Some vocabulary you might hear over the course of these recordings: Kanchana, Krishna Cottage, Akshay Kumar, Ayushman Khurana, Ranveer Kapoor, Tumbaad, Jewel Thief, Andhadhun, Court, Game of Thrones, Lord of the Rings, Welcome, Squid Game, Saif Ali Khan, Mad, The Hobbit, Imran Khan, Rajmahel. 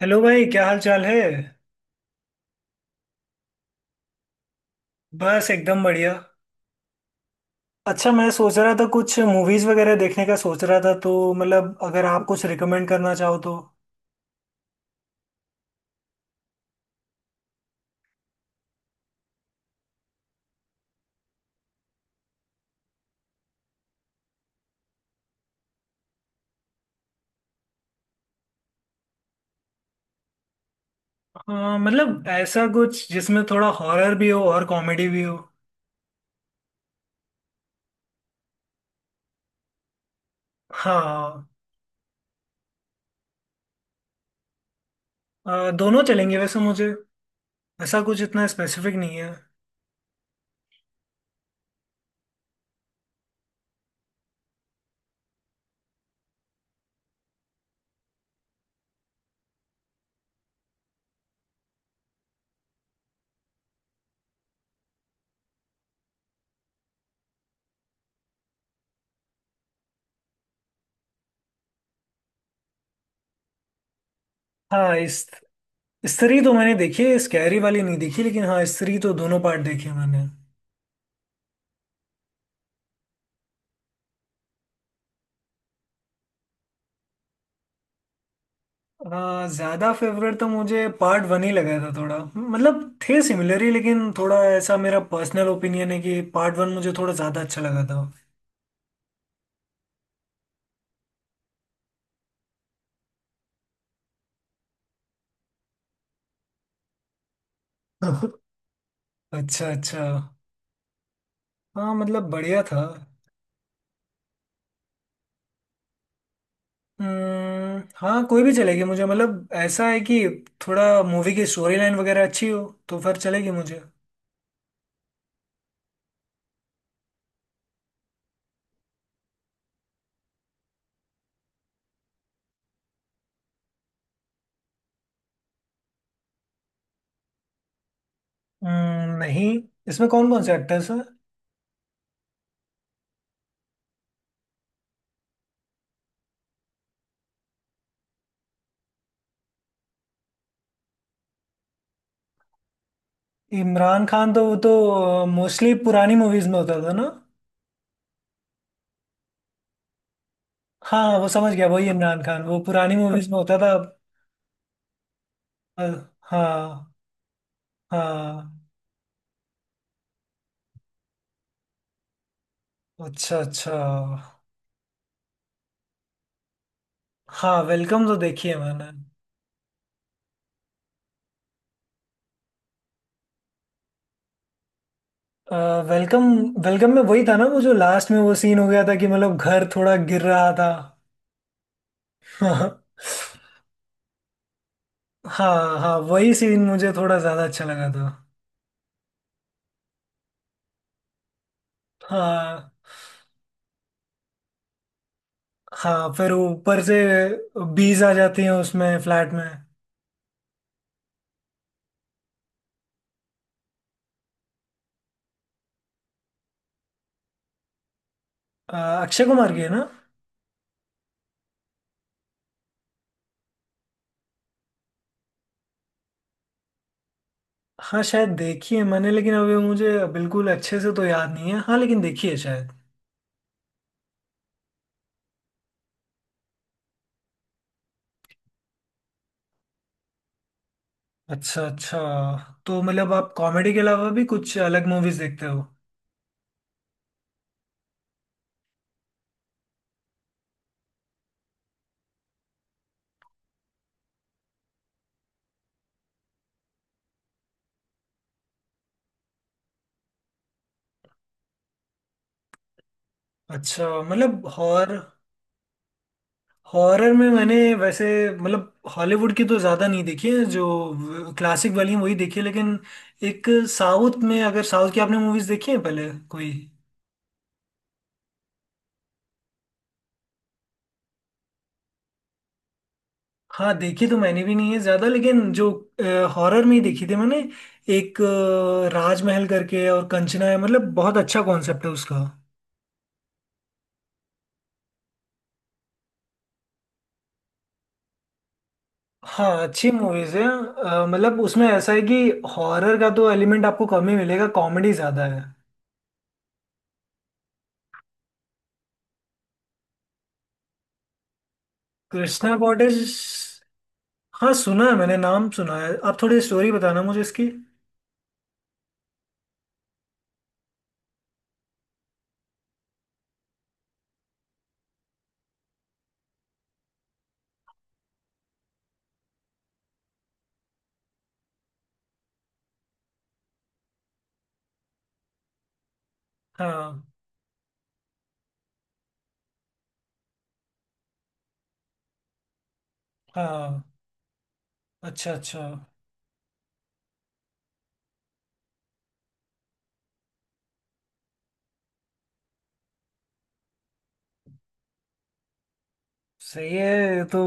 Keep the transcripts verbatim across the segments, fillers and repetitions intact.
Hello भाई, क्या हाल चाल है। बस एकदम बढ़िया। अच्छा, मैं सोच रहा था कुछ मूवीज वगैरह देखने का सोच रहा था, तो मतलब अगर आप कुछ रिकमेंड करना चाहो तो। हाँ, मतलब ऐसा कुछ जिसमें थोड़ा हॉरर भी हो और कॉमेडी भी हो। हाँ, अ, दोनों चलेंगे वैसे मुझे। ऐसा कुछ इतना स्पेसिफिक नहीं है। हाँ, इस स्त्री तो मैंने देखी है, स्कैरी वाली नहीं देखी लेकिन। हाँ, स्त्री तो दोनों पार्ट देखे मैंने। हाँ, ज्यादा फेवरेट तो मुझे पार्ट वन ही लगा था। थोड़ा मतलब थे सिमिलर ही, लेकिन थोड़ा ऐसा मेरा पर्सनल ओपिनियन है कि पार्ट वन मुझे थोड़ा ज्यादा अच्छा लगा था। अच्छा अच्छा। हाँ, मतलब बढ़िया था। हम्म, हाँ कोई भी चलेगी मुझे। मतलब ऐसा है कि थोड़ा मूवी की स्टोरी लाइन वगैरह अच्छी हो तो फिर चलेगी मुझे। हम्म, नहीं। इसमें कौन कौन से एक्टर्स हैं। इमरान खान? तो वो तो मोस्टली पुरानी मूवीज में होता था ना। हाँ हाँ, वो समझ गया, वही इमरान खान, वो पुरानी मूवीज में होता था। अ, हाँ हाँ। अच्छा अच्छा। हाँ, वेलकम तो देखी है मैंने। अ, वेलकम। वेलकम में वही था ना, वो जो लास्ट में वो सीन हो गया था कि मतलब घर थोड़ा गिर रहा था। हाँ। हाँ हाँ, वही सीन मुझे थोड़ा ज्यादा अच्छा लगा था। हाँ, हाँ फिर ऊपर से बीज आ जाती हैं उसमें फ्लैट में। अ, अक्षय कुमार की है ना। हाँ, शायद देखी है मैंने, लेकिन अभी मुझे बिल्कुल अच्छे से तो याद नहीं है। हाँ, लेकिन देखी है शायद। अच्छा अच्छा। तो मतलब आप कॉमेडी के अलावा भी कुछ अलग मूवीज देखते हो। अच्छा, मतलब हॉर हॉरर में मैंने वैसे, मतलब हॉलीवुड की तो ज़्यादा नहीं देखी है, जो क्लासिक वाली हैं वही देखी है। लेकिन एक, साउथ में, अगर साउथ की आपने मूवीज देखी है पहले कोई। हाँ, देखी तो मैंने भी नहीं है ज़्यादा, लेकिन जो हॉरर में ही देखी थी मैंने, एक अ, राजमहल करके और कंचना है। मतलब बहुत अच्छा कॉन्सेप्ट है उसका। हाँ, अच्छी मूवीज है। अ, मतलब उसमें ऐसा है कि हॉरर का तो एलिमेंट आपको कम ही मिलेगा, कॉमेडी ज्यादा है। कृष्णा कॉटेज? हाँ, सुना है मैंने, नाम सुना है। आप थोड़ी स्टोरी बताना मुझे इसकी। हाँ। हाँ, अच्छा अच्छा। सही है। ये तो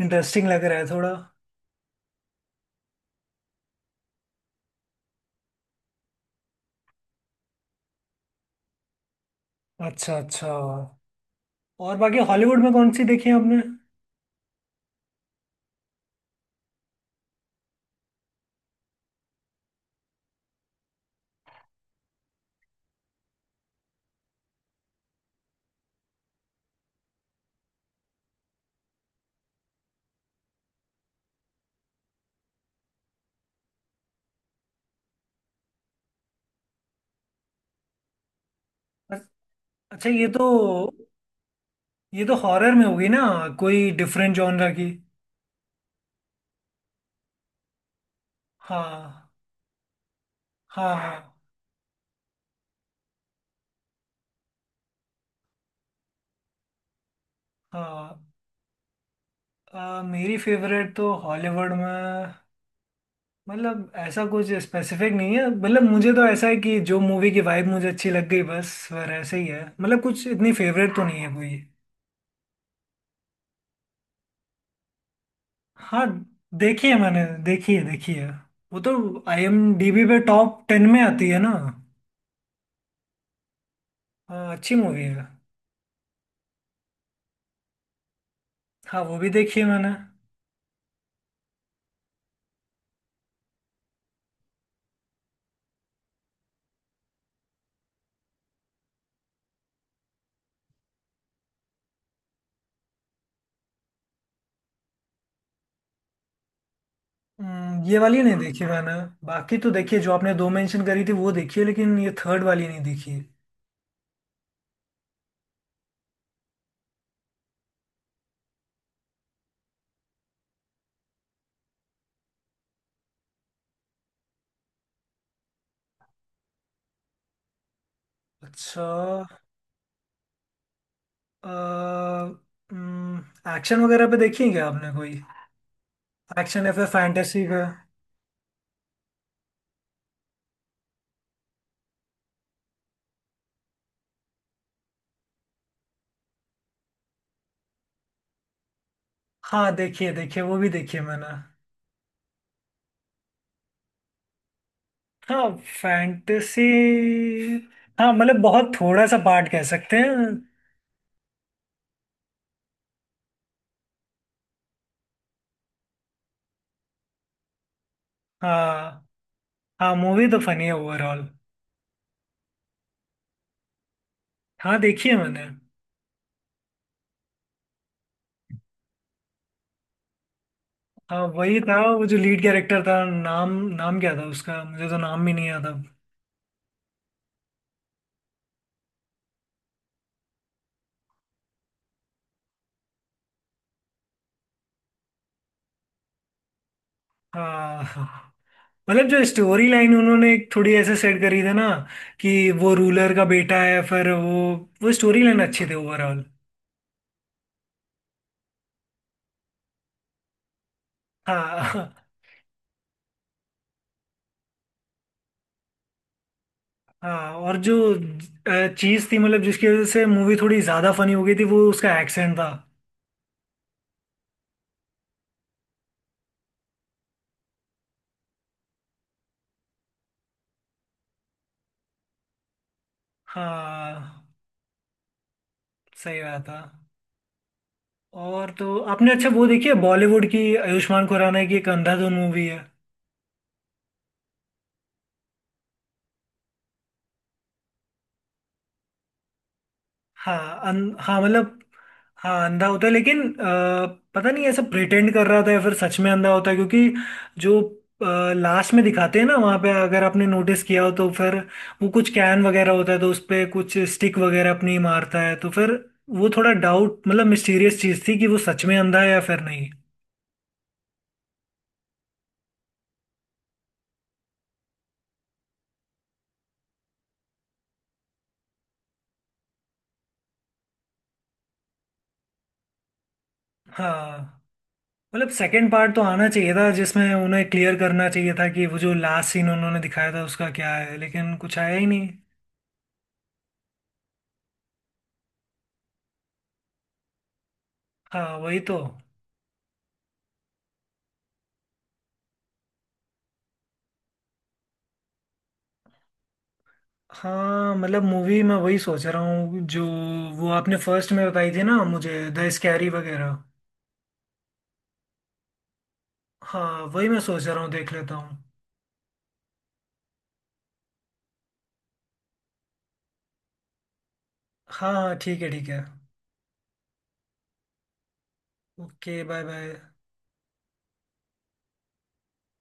इंटरेस्टिंग लग रहा है थोड़ा। अच्छा अच्छा। और बाकी हॉलीवुड में कौन सी देखी है आपने। अ- अच्छा, ये तो ये तो हॉरर में होगी ना। कोई डिफरेंट जॉनरा की? हाँ हाँ। हाँ हाँ। अ, मेरी फेवरेट तो हॉलीवुड में, मतलब ऐसा कुछ स्पेसिफिक नहीं है। मतलब मुझे तो ऐसा है कि जो मूवी की वाइब मुझे अच्छी लग गई, बस वह ऐसे ही है। मतलब कुछ इतनी फेवरेट तो नहीं है कोई। हाँ, देखी है मैंने, देखी है, देखी है। वो तो आई एम डी बी पे टॉप टेन में आती है ना। अ, अच्छी मूवी है। हाँ, वो भी देखी है मैंने। हम्म, ये वाली नहीं देखी मैंने। बाकी तो देखी है, जो आपने दो मेंशन करी थी वो देखी है, लेकिन ये थर्ड वाली नहीं देखी। अच्छा। एक्शन वगैरह पे देखी है क्या आपने कोई? एक्शन या फिर फैंटेसी पे। हाँ, देखिए देखिए, वो भी देखिए मैंने। हाँ, फैंटेसी। हाँ, मतलब बहुत थोड़ा सा पार्ट कह सकते हैं। हाँ, हाँ मूवी तो फनी है ओवरऑल। हाँ, देखी है मैंने। हाँ, वही था वो जो लीड कैरेक्टर था। नाम, नाम क्या था उसका, मुझे तो नाम भी नहीं याद अब। हाँ, मतलब जो स्टोरी लाइन उन्होंने थोड़ी ऐसे सेट करी थी ना कि वो रूलर का बेटा है, फिर वो वो स्टोरी लाइन अच्छी थी ओवरऑल। हाँ हाँ, और जो चीज थी, मतलब जिसकी वजह से मूवी थोड़ी ज्यादा फनी हो गई थी, वो उसका एक्सेंट था। हाँ, सही बात था। और तो आपने, अच्छा वो देखी है बॉलीवुड की आयुष्मान खुराना की एक अंधाधुन मूवी है। हाँ अन, हाँ मतलब। हाँ, अंधा होता है, लेकिन अ, पता नहीं ऐसा प्रिटेंड कर रहा था या फिर सच में अंधा होता है। क्योंकि जो लास्ट में दिखाते हैं ना, वहाँ पे अगर आपने नोटिस किया हो तो फिर वो कुछ कैन वगैरह होता है, तो उस पे कुछ स्टिक वगैरह अपनी मारता है, तो फिर वो थोड़ा डाउट, मतलब मिस्टीरियस चीज़ थी कि वो सच में अंधा है या फिर नहीं। हाँ, मतलब सेकंड पार्ट तो आना चाहिए था, जिसमें उन्हें क्लियर करना चाहिए था कि वो जो लास्ट सीन उन्होंने दिखाया था उसका क्या है, लेकिन कुछ आया ही नहीं। हाँ, वही तो। हाँ, मतलब मूवी मैं वही सोच रहा हूँ, जो वो आपने फर्स्ट में बताई थी ना मुझे, द स्कैरी वगैरह। हाँ, वही मैं सोच रहा हूँ, देख लेता हूँ। हाँ हाँ, ठीक है ठीक है। Okay, bye bye.